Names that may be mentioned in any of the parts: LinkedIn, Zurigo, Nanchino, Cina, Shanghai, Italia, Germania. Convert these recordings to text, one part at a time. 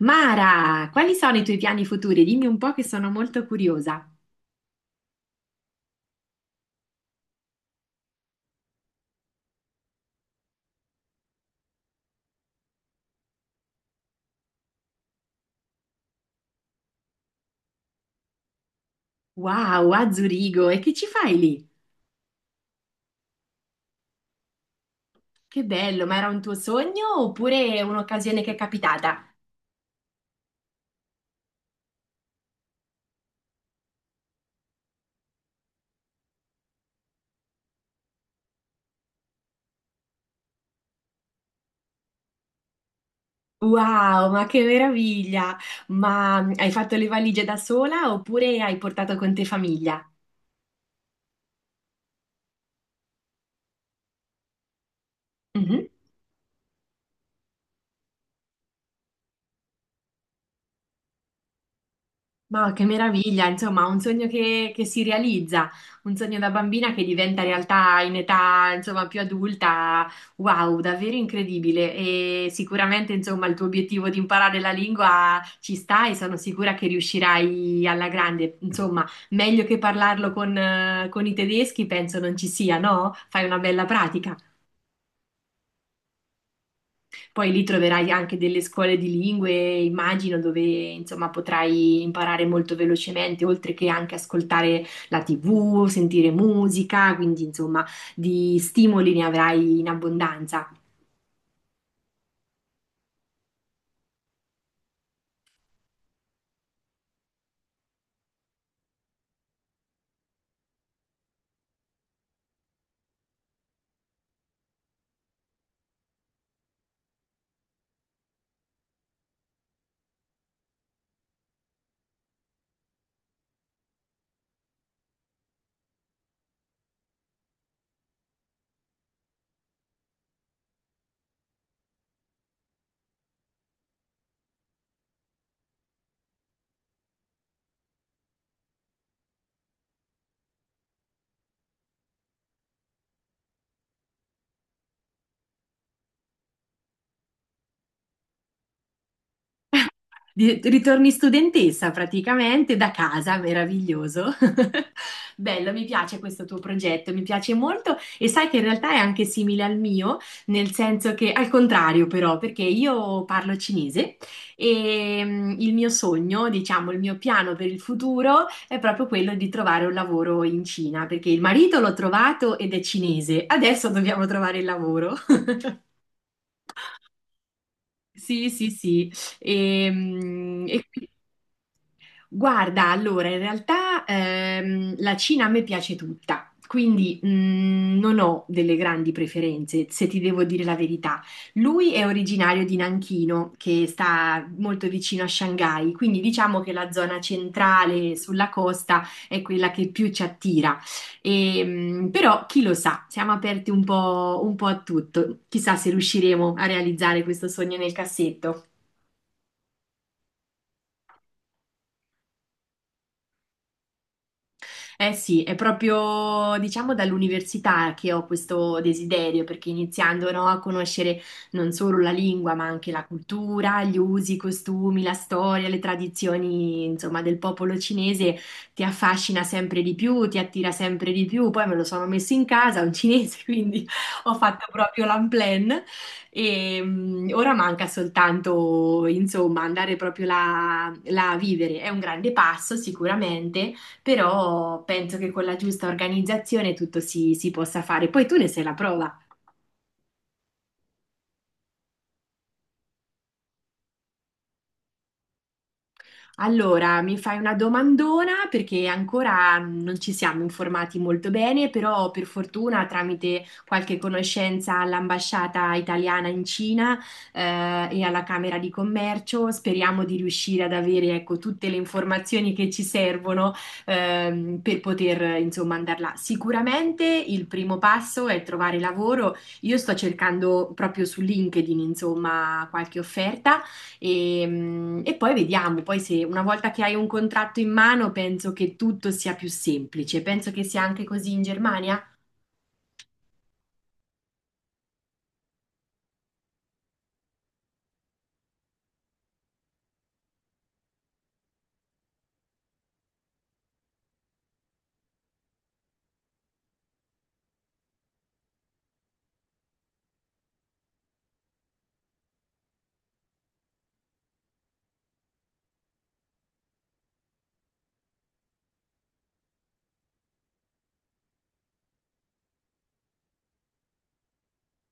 Mara, quali sono i tuoi piani futuri? Dimmi un po' che sono molto curiosa. Wow, a Zurigo, e che ci fai lì? Che bello, ma era un tuo sogno oppure un'occasione che è capitata? Wow, ma che meraviglia! Ma hai fatto le valigie da sola oppure hai portato con te famiglia? Mhm. Ma che meraviglia, insomma, un sogno che si realizza, un sogno da bambina che diventa realtà in età, insomma, più adulta. Wow, davvero incredibile. E sicuramente, insomma, il tuo obiettivo di imparare la lingua ci sta e sono sicura che riuscirai alla grande. Insomma, meglio che parlarlo con i tedeschi, penso non ci sia, no? Fai una bella pratica. Poi lì troverai anche delle scuole di lingue, immagino, dove insomma potrai imparare molto velocemente, oltre che anche ascoltare la TV, sentire musica, quindi insomma di stimoli ne avrai in abbondanza. Ritorni studentessa praticamente da casa, meraviglioso. Bello, mi piace questo tuo progetto, mi piace molto e sai che in realtà è anche simile al mio, nel senso che al contrario però, perché io parlo cinese e il mio sogno, diciamo, il mio piano per il futuro è proprio quello di trovare un lavoro in Cina, perché il marito l'ho trovato ed è cinese, adesso dobbiamo trovare il lavoro. Sì, sì, sì. E quindi. Guarda, allora, in realtà la Cina a me piace tutta, quindi non ho delle grandi preferenze, se ti devo dire la verità. Lui è originario di Nanchino, che sta molto vicino a Shanghai, quindi diciamo che la zona centrale sulla costa è quella che più ci attira. E, però chi lo sa, siamo aperti un po' a tutto. Chissà se riusciremo a realizzare questo sogno nel cassetto. Eh sì, è proprio diciamo dall'università che ho questo desiderio, perché iniziando no, a conoscere non solo la lingua, ma anche la cultura, gli usi, i costumi, la storia, le tradizioni, insomma, del popolo cinese ti affascina sempre di più, ti attira sempre di più. Poi me lo sono messo in casa, un cinese, quindi ho fatto proprio l'unplan e ora manca soltanto, insomma, andare proprio là là a vivere. È un grande passo sicuramente, però penso che con la giusta organizzazione tutto si possa fare. Poi tu ne sei la prova. Allora, mi fai una domandona perché ancora non ci siamo informati molto bene, però per fortuna tramite qualche conoscenza all'ambasciata italiana in Cina e alla Camera di Commercio speriamo di riuscire ad avere, ecco, tutte le informazioni che ci servono, per poter, insomma, andare là. Sicuramente il primo passo è trovare lavoro. Io sto cercando proprio su LinkedIn insomma qualche offerta. E poi vediamo, poi se una volta che hai un contratto in mano penso che tutto sia più semplice, penso che sia anche così in Germania.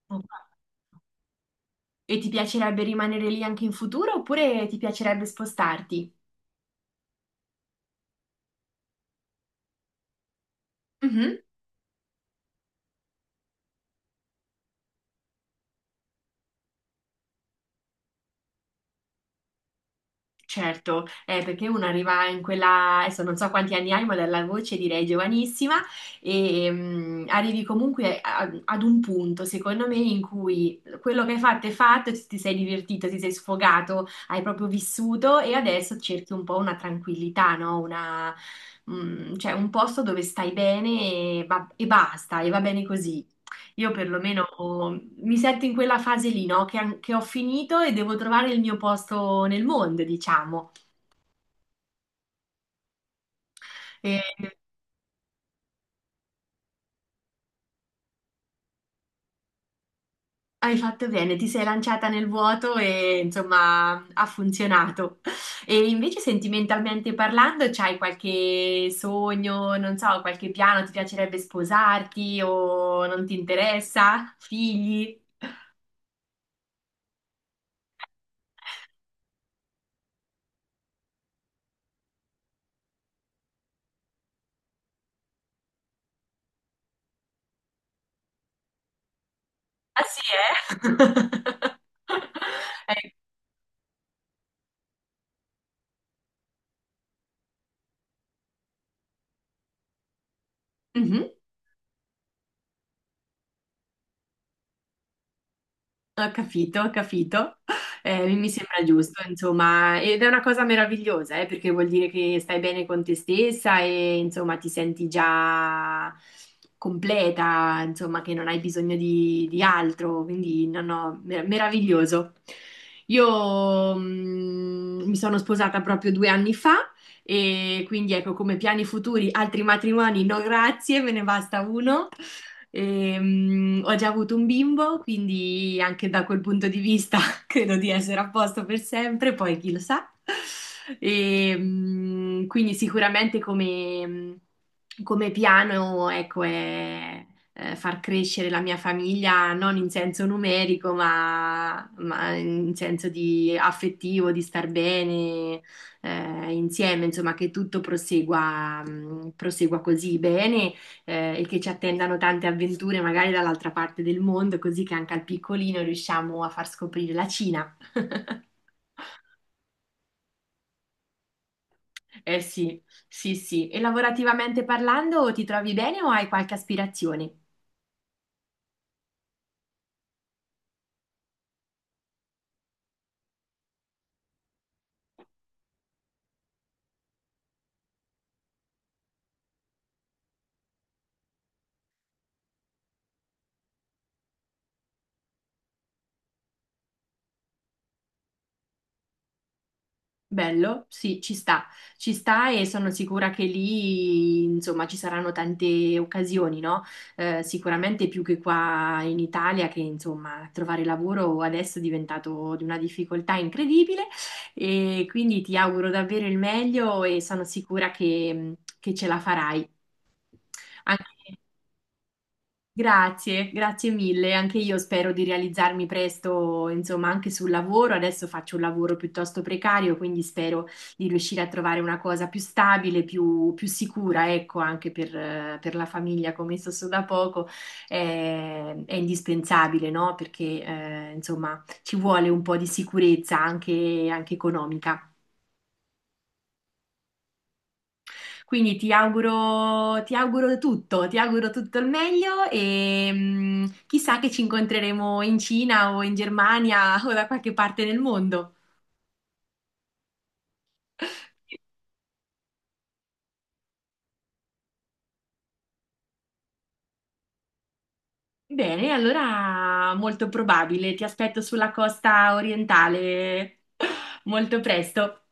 Ok. E ti piacerebbe rimanere lì anche in futuro oppure ti piacerebbe spostarti? Certo, perché uno arriva in quella, adesso non so quanti anni hai, ma dalla voce direi giovanissima, e arrivi comunque ad un punto, secondo me, in cui quello che hai fatto è fatto, ti sei divertito, ti sei sfogato, hai proprio vissuto e adesso cerchi un po' una tranquillità, no? Una, cioè un posto dove stai bene e, e basta, e va bene così. Io perlomeno, oh, mi sento in quella fase lì, no? Che, che ho finito e devo trovare il mio posto nel mondo, diciamo. E hai fatto bene, ti sei lanciata nel vuoto e insomma ha funzionato. E invece sentimentalmente parlando, c'hai qualche sogno, non so, qualche piano, ti piacerebbe sposarti o non ti interessa? Figli? Ah sì, eh? Eh, mhm. Ho capito, ho capito. Mi sembra giusto, insomma, ed è una cosa meravigliosa, perché vuol dire che stai bene con te stessa e insomma ti senti già completa, insomma, che non hai bisogno di altro, quindi no, no, meraviglioso. Io, mi sono sposata proprio due anni fa e quindi ecco come piani futuri, altri matrimoni, no grazie, me ne basta uno. E, ho già avuto un bimbo, quindi anche da quel punto di vista credo di essere a posto per sempre, poi chi lo sa. E, quindi sicuramente come, come piano, ecco, è far crescere la mia famiglia non in senso numerico, ma in senso di affettivo, di star bene, insieme, insomma, che tutto prosegua, prosegua così bene, e che ci attendano tante avventure magari dall'altra parte del mondo, così che anche al piccolino riusciamo a far scoprire la Cina. Eh sì, sì, sì. E lavorativamente parlando, ti trovi bene o hai qualche aspirazione? Bello, sì, ci sta e sono sicura che lì, insomma, ci saranno tante occasioni, no? Sicuramente più che qua in Italia, che insomma, trovare lavoro adesso è diventato di una difficoltà incredibile, e quindi ti auguro davvero il meglio e sono sicura che ce la farai. Anche. Grazie, grazie mille. Anche io spero di realizzarmi presto, insomma, anche sul lavoro. Adesso faccio un lavoro piuttosto precario, quindi spero di riuscire a trovare una cosa più stabile, più, più sicura, ecco, anche per la famiglia, come so da poco, è indispensabile, no? Perché, insomma, ci vuole un po' di sicurezza anche economica. Quindi ti auguro tutto il meglio e chissà che ci incontreremo in Cina o in Germania o da qualche parte nel mondo. Bene, allora molto probabile, ti aspetto sulla costa orientale molto presto.